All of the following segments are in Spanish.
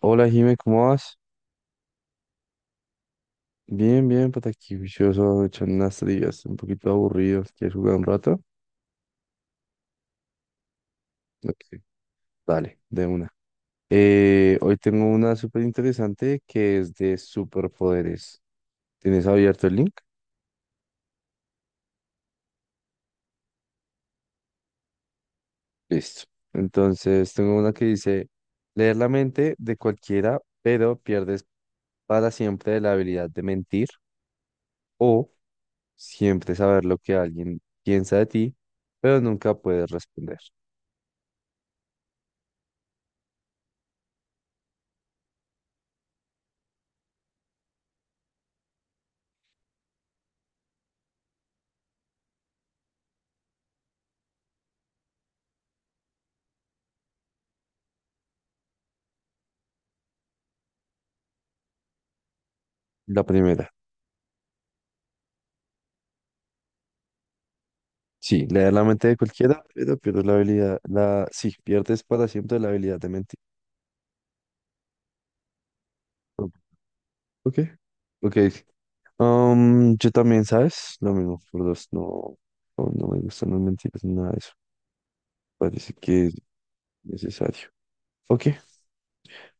Hola Jimé, ¿cómo vas? Bien, bien, pues aquí vicioso, echando unas trivias, un poquito aburridos. ¿Quieres jugar un rato? Ok, dale, de una. Hoy tengo una súper interesante que es de superpoderes. ¿Tienes abierto el link? Listo. Entonces, tengo una que dice, leer la mente de cualquiera, pero pierdes para siempre la habilidad de mentir o siempre saber lo que alguien piensa de ti, pero nunca puedes responder. La primera. Sí, leer la mente de cualquiera, pero pierdes la habilidad, la, sí, pierdes para siempre la habilidad de mentir. Ok, ok. Ok. Yo también, ¿sabes? Lo mismo, por dos, no, no, no me gustan las mentiras ni nada de eso. Parece que es necesario. Ok,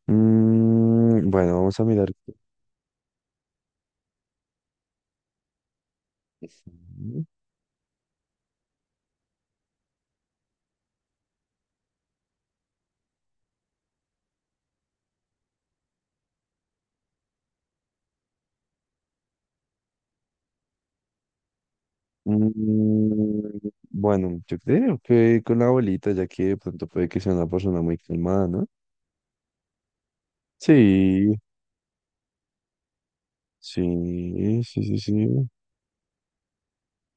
bueno, vamos a mirar. Mm, bueno, yo creo que con la abuelita, ya que de pronto puede que sea una persona muy calmada, ¿no? Sí, sí, sí, sí, sí.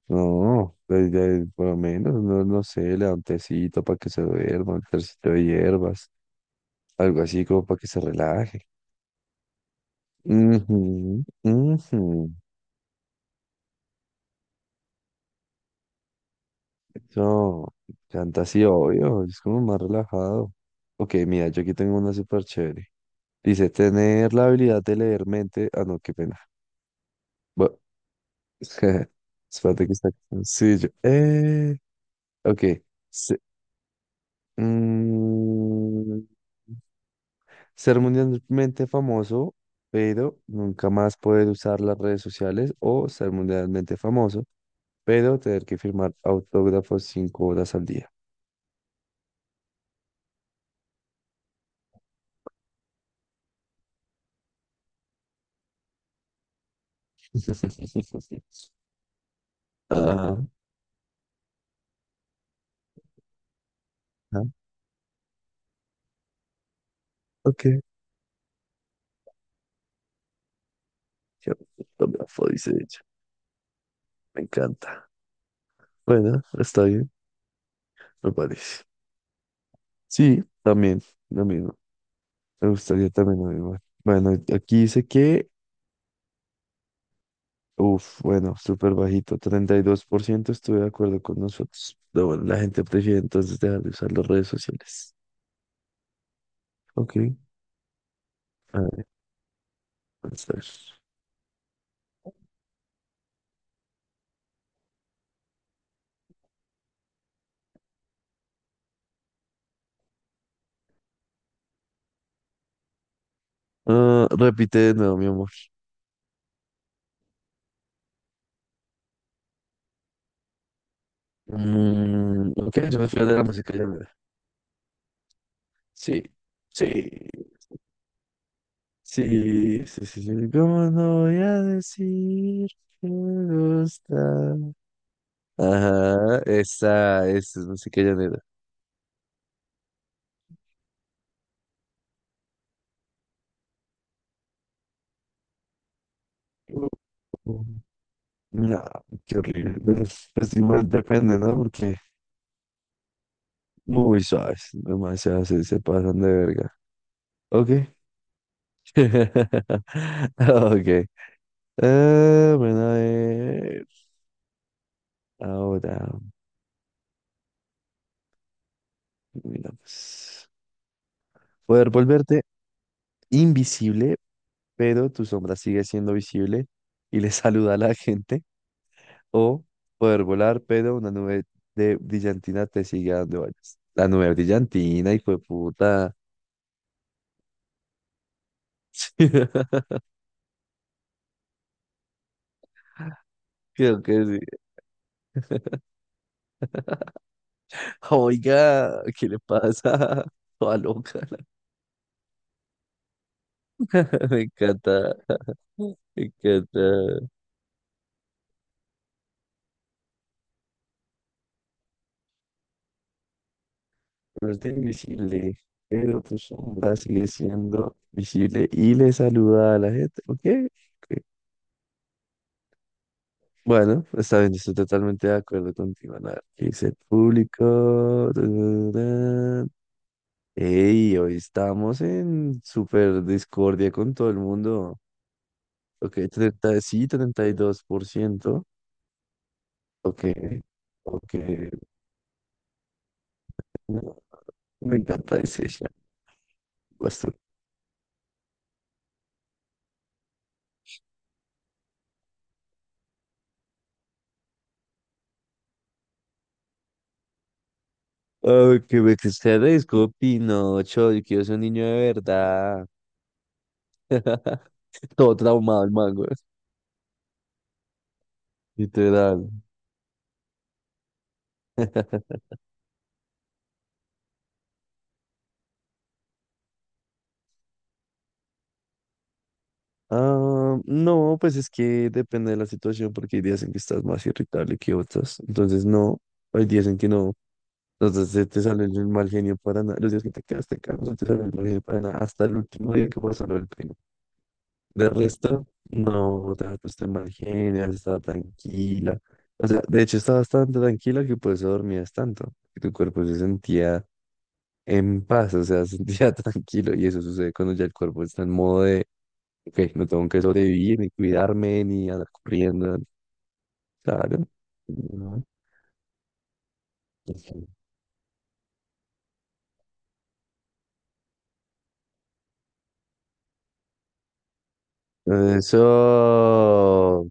No, pues, por lo menos, no, no sé, le da un tecito para que se duerma, un tecito de hierbas, algo así como para que se relaje. Ujú, ujú. Eso, canta así, obvio, es como más relajado. Ok, mira, yo aquí tengo una súper chévere. Dice, tener la habilidad de leer mente. Ah, no, qué pena. Bueno, espérate que está. Sí, yo. Ok. se- mm, Ser mundialmente famoso, pero nunca más poder usar las redes sociales o ser mundialmente famoso, pero tener que firmar autógrafos 5 horas al día. Ah, ah, ok. Ya, autógrafo, dice ella. Me encanta. Bueno, está bien, me parece. Sí, también, lo mismo. Me gustaría también lo mismo. Bueno, aquí dice que, bueno, súper bajito, 32% estuve de acuerdo con nosotros. Pero bueno, la gente prefiere entonces dejar de usar las redes sociales. Ok, a ver, vamos a ver. Ah, repite de nuevo, mi amor. Ok, yo me fui de la música ya, mira. Sí, sí, sí, sí, sí, sí. ¿Cómo no voy a decir que me gusta? Ajá, esa es música llanera. Uh, No, qué horrible. Pues, igual depende, ¿no? Porque muy suaves, demasiado se pasan de verga. Ok. Ok. Ah, bueno, a ver. Ahora, mira, pues, poder volverte invisible, pero tu sombra sigue siendo visible y le saluda a la gente. O poder volar, pero una nube de brillantina te sigue a donde vayas. La nube brillantina, hijo de puta. Creo que sí. Oiga, ¿qué le pasa? Toda loca, me encanta. Y que te- pero está invisible, pero tu sombra sigue siendo visible y le saluda a la gente. ¿Ok? Ok. Bueno, está bien, estoy totalmente de acuerdo contigo, Ana. ¿Qué dice el público? Tararán. Ey, hoy estamos en super discordia con todo el mundo. Ok, 30 sí, 32%. Ok, ok. No, me encanta ese, chat. Ay, que me desaparezco, Pinocho. Yo quiero ser un niño de verdad. Todo traumado el mango. Literal. Ah, no, pues es que depende de la situación, porque hay días en que estás más irritable que otras. Entonces, no, hay días en que no. Entonces, se te sale el mal genio para nada. Los días que te quedas, no te sale el mal genio para nada. Hasta el último día que vas a ver el primo. De resto, no te has puesto en mal genio, has tranquila. O sea, de hecho, estabas bastante tranquila, que por eso dormías tanto, que tu cuerpo se sentía en paz, o sea, se sentía tranquilo. Y eso sucede cuando ya el cuerpo está en modo de, ok, no tengo que sobrevivir, ni cuidarme, ni andar corriendo. Claro. No. Eso,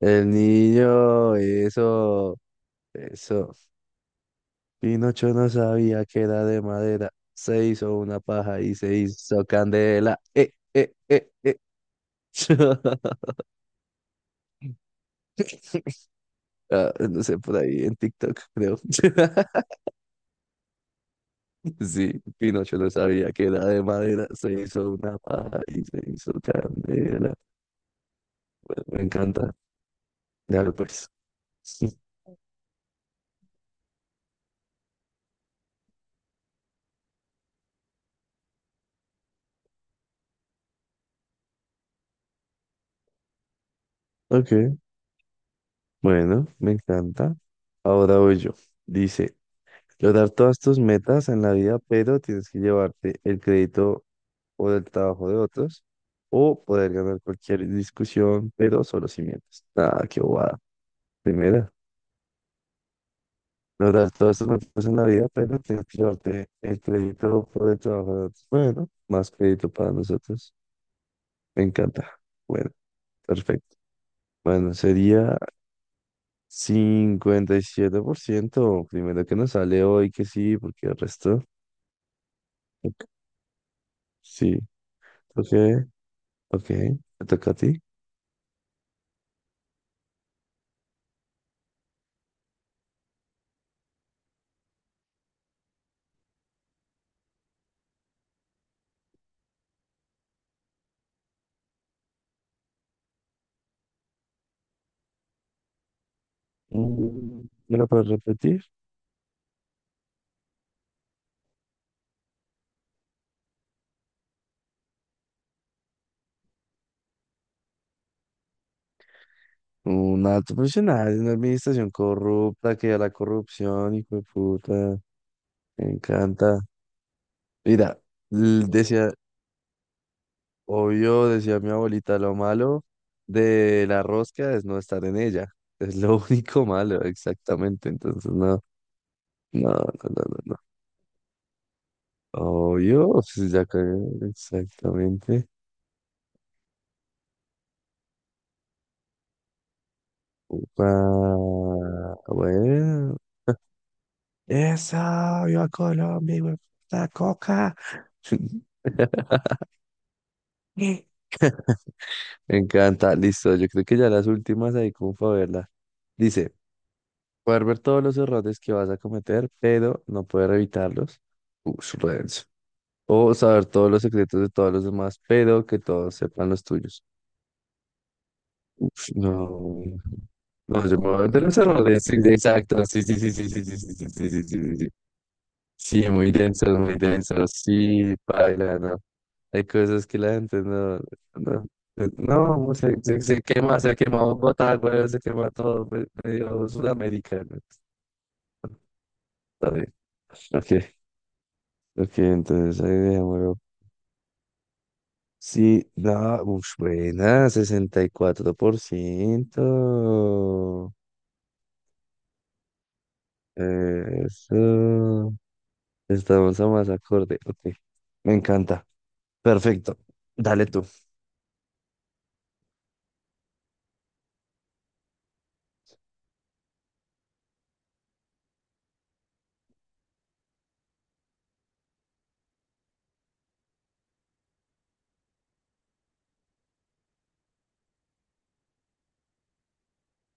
el niño, eso, eso. Pinocho no sabía que era de madera. Se hizo una paja y se hizo candela. Eh. Ah, no sé, por ahí en TikTok, creo. Sí, Pinocho no sabía que era de madera. Se hizo una paja y se hizo candela. Bueno, me encanta. Ya pues. Ok, bueno, me encanta. Ahora voy yo. Dice, lograr todas tus metas en la vida, pero tienes que llevarte el crédito o del trabajo de otros, o poder ganar cualquier discusión, pero solo si mientes. Nada, qué bobada. Primera, lograr todo esto me pasa en la vida, pero tienes que llevarte el crédito por el trabajo de otros. Bueno, más crédito para nosotros. Me encanta. Bueno, perfecto. Bueno, sería 57%, primero que nos sale hoy que sí, porque el resto, ok, sí, ok, ok, te toca a ti. Mm, ¿Me lo puedes repetir? Un alto profesional, de una administración corrupta, que a la corrupción, hijo de puta, me encanta. Mira, decía, obvio, decía mi abuelita, lo malo de la rosca es no estar en ella. Es lo único malo, exactamente. Entonces, no, no, no, no, no, no. Obvio, pues, ya cagué, exactamente. Upa, bueno. Eso, yo a Colombia, hijo de puta, coca. Me encanta. Listo, yo creo que ya las últimas ahí como para verla. Dice, poder ver todos los errores que vas a cometer, pero no poder evitarlos. Ush, re denso. O saber todos los secretos de todos los demás, pero que todos sepan los tuyos. Ush, no. No, yo me voy a meter los errores. Sí, exacto. Sí, sí, sí, sí, sí, sí, sí, sí, sí, sí, sí, sí. Sí, sí, muy densos, muy densos. Sí, paila, no. Hay cosas que la gente no, no, no, pues, se quema, se ha quemado Bogotá, güey, se quema todo, pues, medio Sudamérica, ¿no? Está bien. Ok, ok, entonces ahí dejémoslo. Sí, no, uf, buena, 64%. Eso. Estamos a más acorde. Ok, me encanta. Perfecto. Dale tú.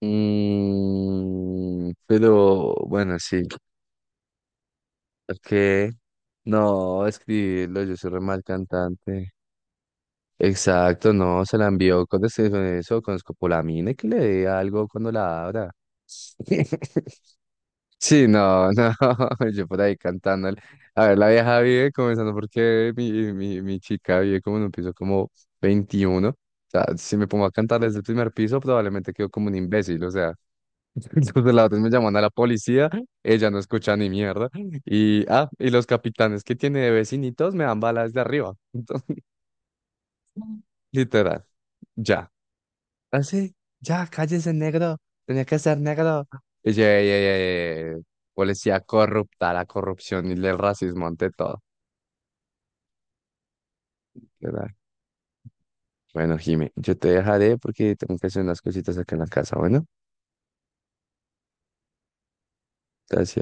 Pero bueno, sí. Ok. No, escribirlo, yo soy re mal cantante. Exacto, no, se la envió con eso, con escopolamina y que le dé algo cuando la abra. Sí, no, no, yo por ahí cantando. A ver, la vieja vive comenzando porque mi chica vive como en un piso como 21. O sea, si me pongo a cantar desde el primer piso, probablemente quedo como un imbécil, o sea. Entonces los delator me llaman a la policía, ella no escucha ni mierda. Y los capitanes que tiene de vecinitos me dan balas de arriba. Entonces, literal, ya. Así, ya, cállese, negro. Tenía que ser negro. Y yo, "Ey, ey, ey, ey, policía corrupta, la corrupción y el racismo ante todo". Literal. Bueno, Jimmy, yo te dejaré porque tengo que hacer unas cositas acá en la casa. Bueno, gracias.